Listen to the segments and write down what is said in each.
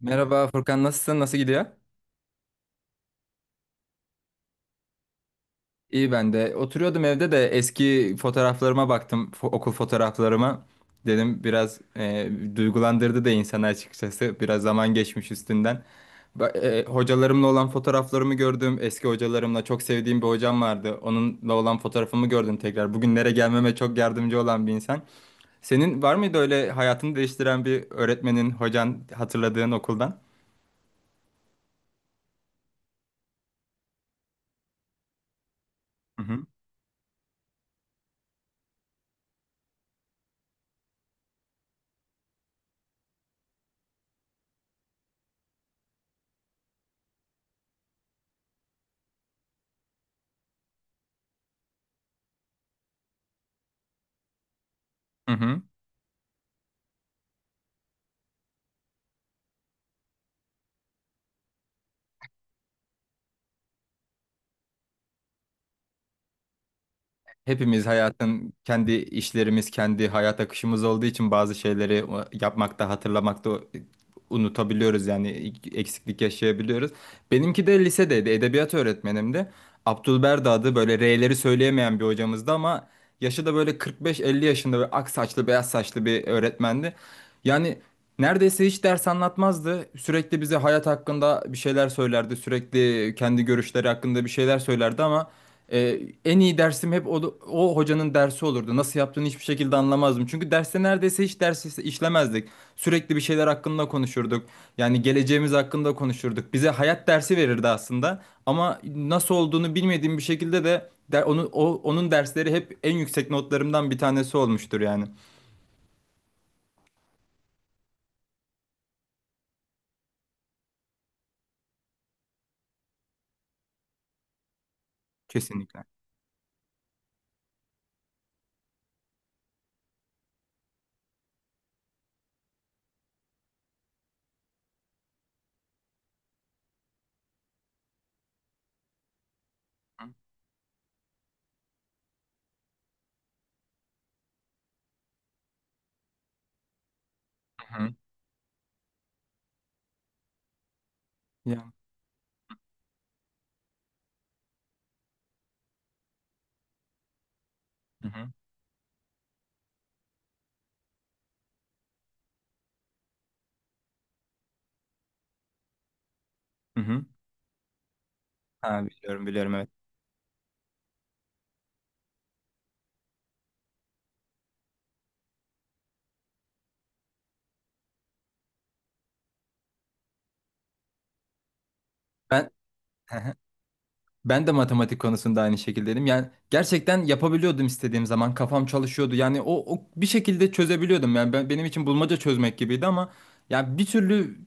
Merhaba Furkan, nasılsın? Nasıl gidiyor? İyi ben de. Oturuyordum evde de eski fotoğraflarıma baktım. Okul fotoğraflarıma. Dedim biraz duygulandırdı da insanı açıkçası. Biraz zaman geçmiş üstünden. Hocalarımla olan fotoğraflarımı gördüm. Eski hocalarımla çok sevdiğim bir hocam vardı. Onunla olan fotoğrafımı gördüm tekrar. Bugünlere gelmeme çok yardımcı olan bir insan. Senin var mıydı öyle hayatını değiştiren bir öğretmenin, hocan hatırladığın okuldan? Hı hı. Hı hı. Hepimiz hayatın kendi işlerimiz, kendi hayat akışımız olduğu için bazı şeyleri yapmakta, hatırlamakta unutabiliyoruz, yani eksiklik yaşayabiliyoruz. Benimki de lisedeydi, edebiyat öğretmenimdi. Abdülberdi adı, böyle R'leri söyleyemeyen bir hocamızdı ama yaşı da böyle 45-50 yaşında ve ak saçlı, beyaz saçlı bir öğretmendi. Yani neredeyse hiç ders anlatmazdı. Sürekli bize hayat hakkında bir şeyler söylerdi, sürekli kendi görüşleri hakkında bir şeyler söylerdi ama ee, en iyi dersim hep o hocanın dersi olurdu. Nasıl yaptığını hiçbir şekilde anlamazdım. Çünkü derste neredeyse hiç işlemezdik. Sürekli bir şeyler hakkında konuşurduk. Yani geleceğimiz hakkında konuşurduk. Bize hayat dersi verirdi aslında. Ama nasıl olduğunu bilmediğim bir şekilde de der, onu, o, onun dersleri hep en yüksek notlarımdan bir tanesi olmuştur yani. Kesinlikle. Hı hı. Ya. Hı hı. Hı hı. Ha, biliyorum biliyorum, evet. Ben Ben de matematik konusunda aynı şekildeydim. Yani gerçekten yapabiliyordum istediğim zaman. Kafam çalışıyordu. Yani o bir şekilde çözebiliyordum. Yani benim için bulmaca çözmek gibiydi ama yani bir türlü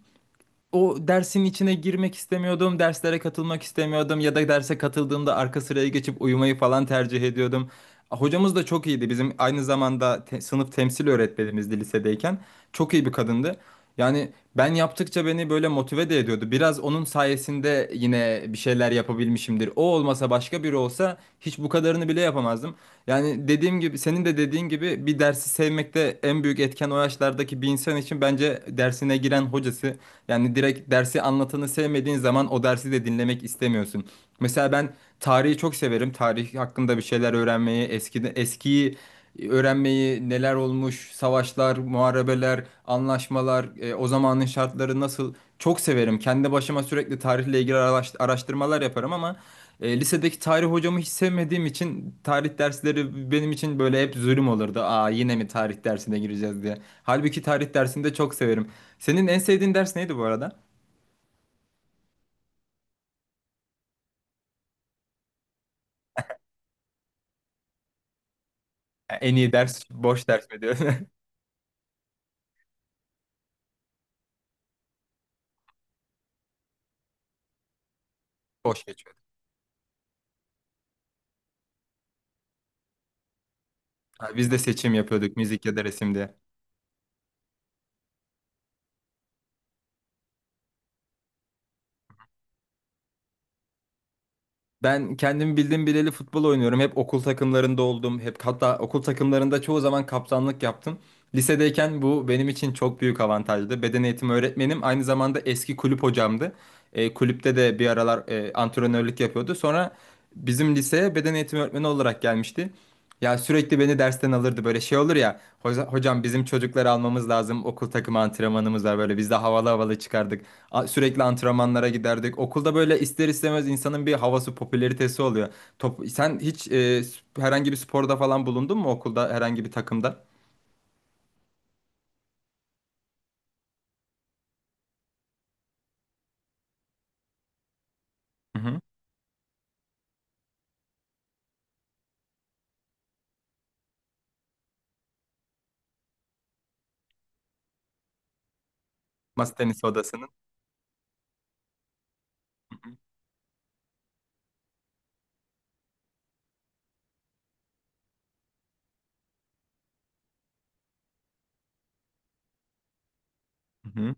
o dersin içine girmek istemiyordum, derslere katılmak istemiyordum ya da derse katıldığımda arka sıraya geçip uyumayı falan tercih ediyordum. Hocamız da çok iyiydi. Bizim aynı zamanda sınıf temsil öğretmenimizdi lisedeyken. Çok iyi bir kadındı. Yani ben yaptıkça beni böyle motive de ediyordu. Biraz onun sayesinde yine bir şeyler yapabilmişimdir. O olmasa başka biri olsa hiç bu kadarını bile yapamazdım. Yani dediğim gibi, senin de dediğin gibi, bir dersi sevmekte en büyük etken o yaşlardaki bir insan için bence dersine giren hocası. Yani direkt dersi anlatanı sevmediğin zaman o dersi de dinlemek istemiyorsun. Mesela ben tarihi çok severim. Tarih hakkında bir şeyler öğrenmeyi, eski eskiyi öğrenmeyi, neler olmuş, savaşlar, muharebeler, anlaşmalar, o zamanın şartları nasıl, çok severim. Kendi başıma sürekli tarihle ilgili araştırmalar yaparım ama lisedeki tarih hocamı hiç sevmediğim için tarih dersleri benim için böyle hep zulüm olurdu. Aa, yine mi tarih dersine gireceğiz diye. Halbuki tarih dersini de çok severim. Senin en sevdiğin ders neydi bu arada? En iyi ders boş ders mi diyor? Boş geçiyor. Ha, biz de seçim yapıyorduk, müzik ya da resim diye. Ben kendimi bildim bileli futbol oynuyorum. Hep okul takımlarında oldum. Hep, hatta okul takımlarında çoğu zaman kaptanlık yaptım. Lisedeyken bu benim için çok büyük avantajdı. Beden eğitimi öğretmenim aynı zamanda eski kulüp hocamdı. Kulüpte de bir aralar antrenörlük yapıyordu. Sonra bizim liseye beden eğitimi öğretmeni olarak gelmişti. Ya sürekli beni dersten alırdı, böyle şey olur ya, Hocam, bizim çocukları almamız lazım, okul takımı antrenmanımız var." Böyle biz de havalı havalı çıkardık. Sürekli antrenmanlara giderdik okulda, böyle ister istemez insanın bir havası, popülaritesi oluyor. Top, sen hiç herhangi bir sporda falan bulundun mu okulda, herhangi bir takımda? Hı hı. Masa tenisi odasının. Hı hı.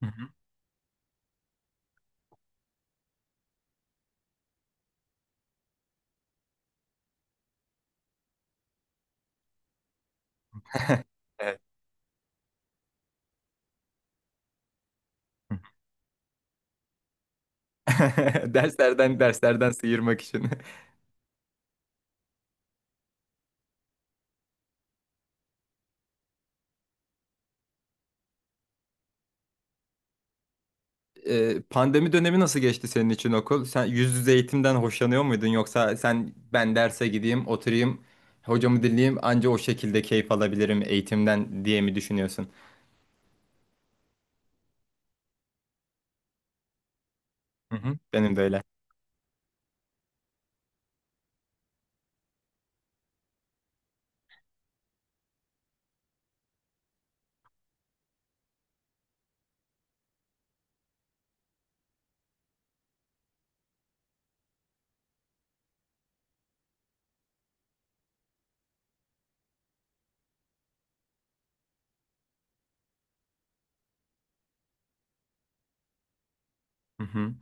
Hı hı. Evet. Derslerden, derslerden sıyırmak için. Pandemi dönemi nasıl geçti senin için okul? Sen yüz yüze eğitimden hoşlanıyor muydun, yoksa sen ben derse gideyim, oturayım, hocamı dinleyeyim, anca o şekilde keyif alabilirim eğitimden diye mi düşünüyorsun? Hı hı. Benim de öyle. Hı hı.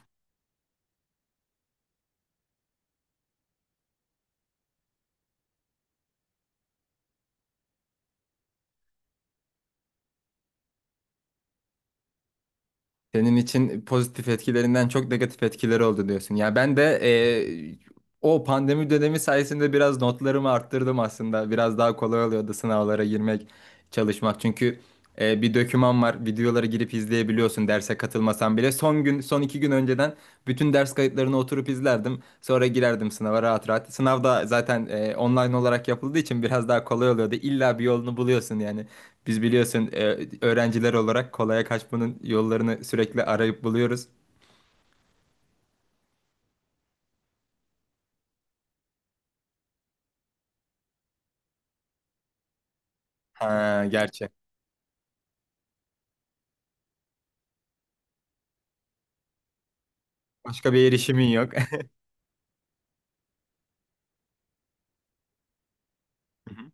Senin için pozitif etkilerinden çok negatif etkileri oldu diyorsun. Ya ben de o pandemi dönemi sayesinde biraz notlarımı arttırdım aslında. Biraz daha kolay oluyordu sınavlara girmek, çalışmak. Çünkü bir döküman var. Videoları girip izleyebiliyorsun derse katılmasan bile. Son gün, son iki gün önceden bütün ders kayıtlarını oturup izlerdim. Sonra girerdim sınava rahat rahat. Sınav da zaten online olarak yapıldığı için biraz daha kolay oluyordu. İlla bir yolunu buluyorsun yani. Biz biliyorsun öğrenciler olarak kolaya kaçmanın yollarını sürekli arayıp buluyoruz. Ha, gerçi. Başka bir erişimin yok. Hı hı.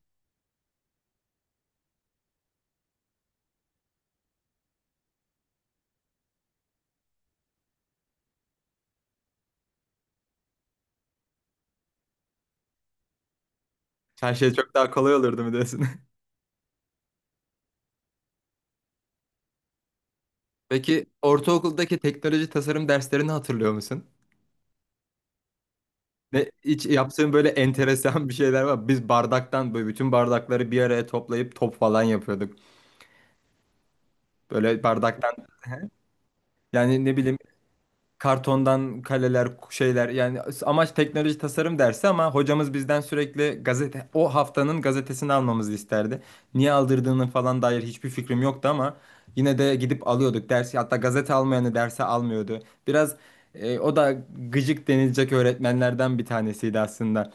Her şey çok daha kolay olurdu mu diyorsun? Peki, ortaokuldaki teknoloji tasarım derslerini hatırlıyor musun? Ne, hiç yaptığın böyle enteresan bir şeyler var. Biz bardaktan böyle bütün bardakları bir araya toplayıp top falan yapıyorduk. Böyle bardaktan, yani ne bileyim, kartondan kaleler, şeyler, yani amaç teknoloji tasarım dersi ama hocamız bizden sürekli gazete, o haftanın gazetesini almamızı isterdi. Niye aldırdığının falan dair hiçbir fikrim yoktu ama yine de gidip alıyorduk dersi. Hatta gazete almayanı derse almıyordu. Biraz o da gıcık denilecek öğretmenlerden bir tanesiydi aslında.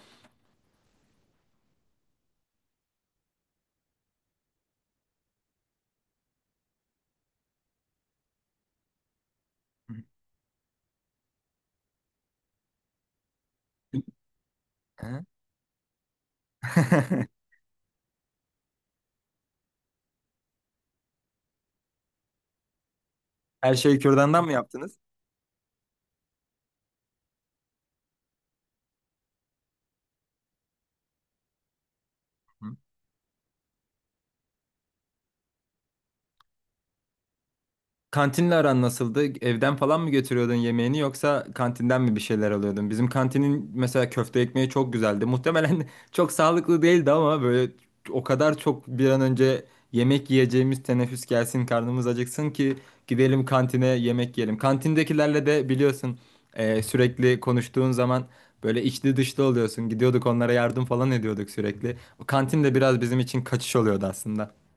Hı. Her şeyi kürdandan mı yaptınız? Kantinle aran nasıldı? Evden falan mı götürüyordun yemeğini, yoksa kantinden mi bir şeyler alıyordun? Bizim kantinin mesela köfte ekmeği çok güzeldi. Muhtemelen çok sağlıklı değildi ama böyle o kadar çok bir an önce yemek yiyeceğimiz teneffüs gelsin, karnımız acıksın ki gidelim kantine yemek yiyelim. Kantindekilerle de biliyorsun sürekli konuştuğun zaman böyle içli dışlı oluyorsun. Gidiyorduk, onlara yardım falan ediyorduk sürekli. O kantin de biraz bizim için kaçış oluyordu aslında.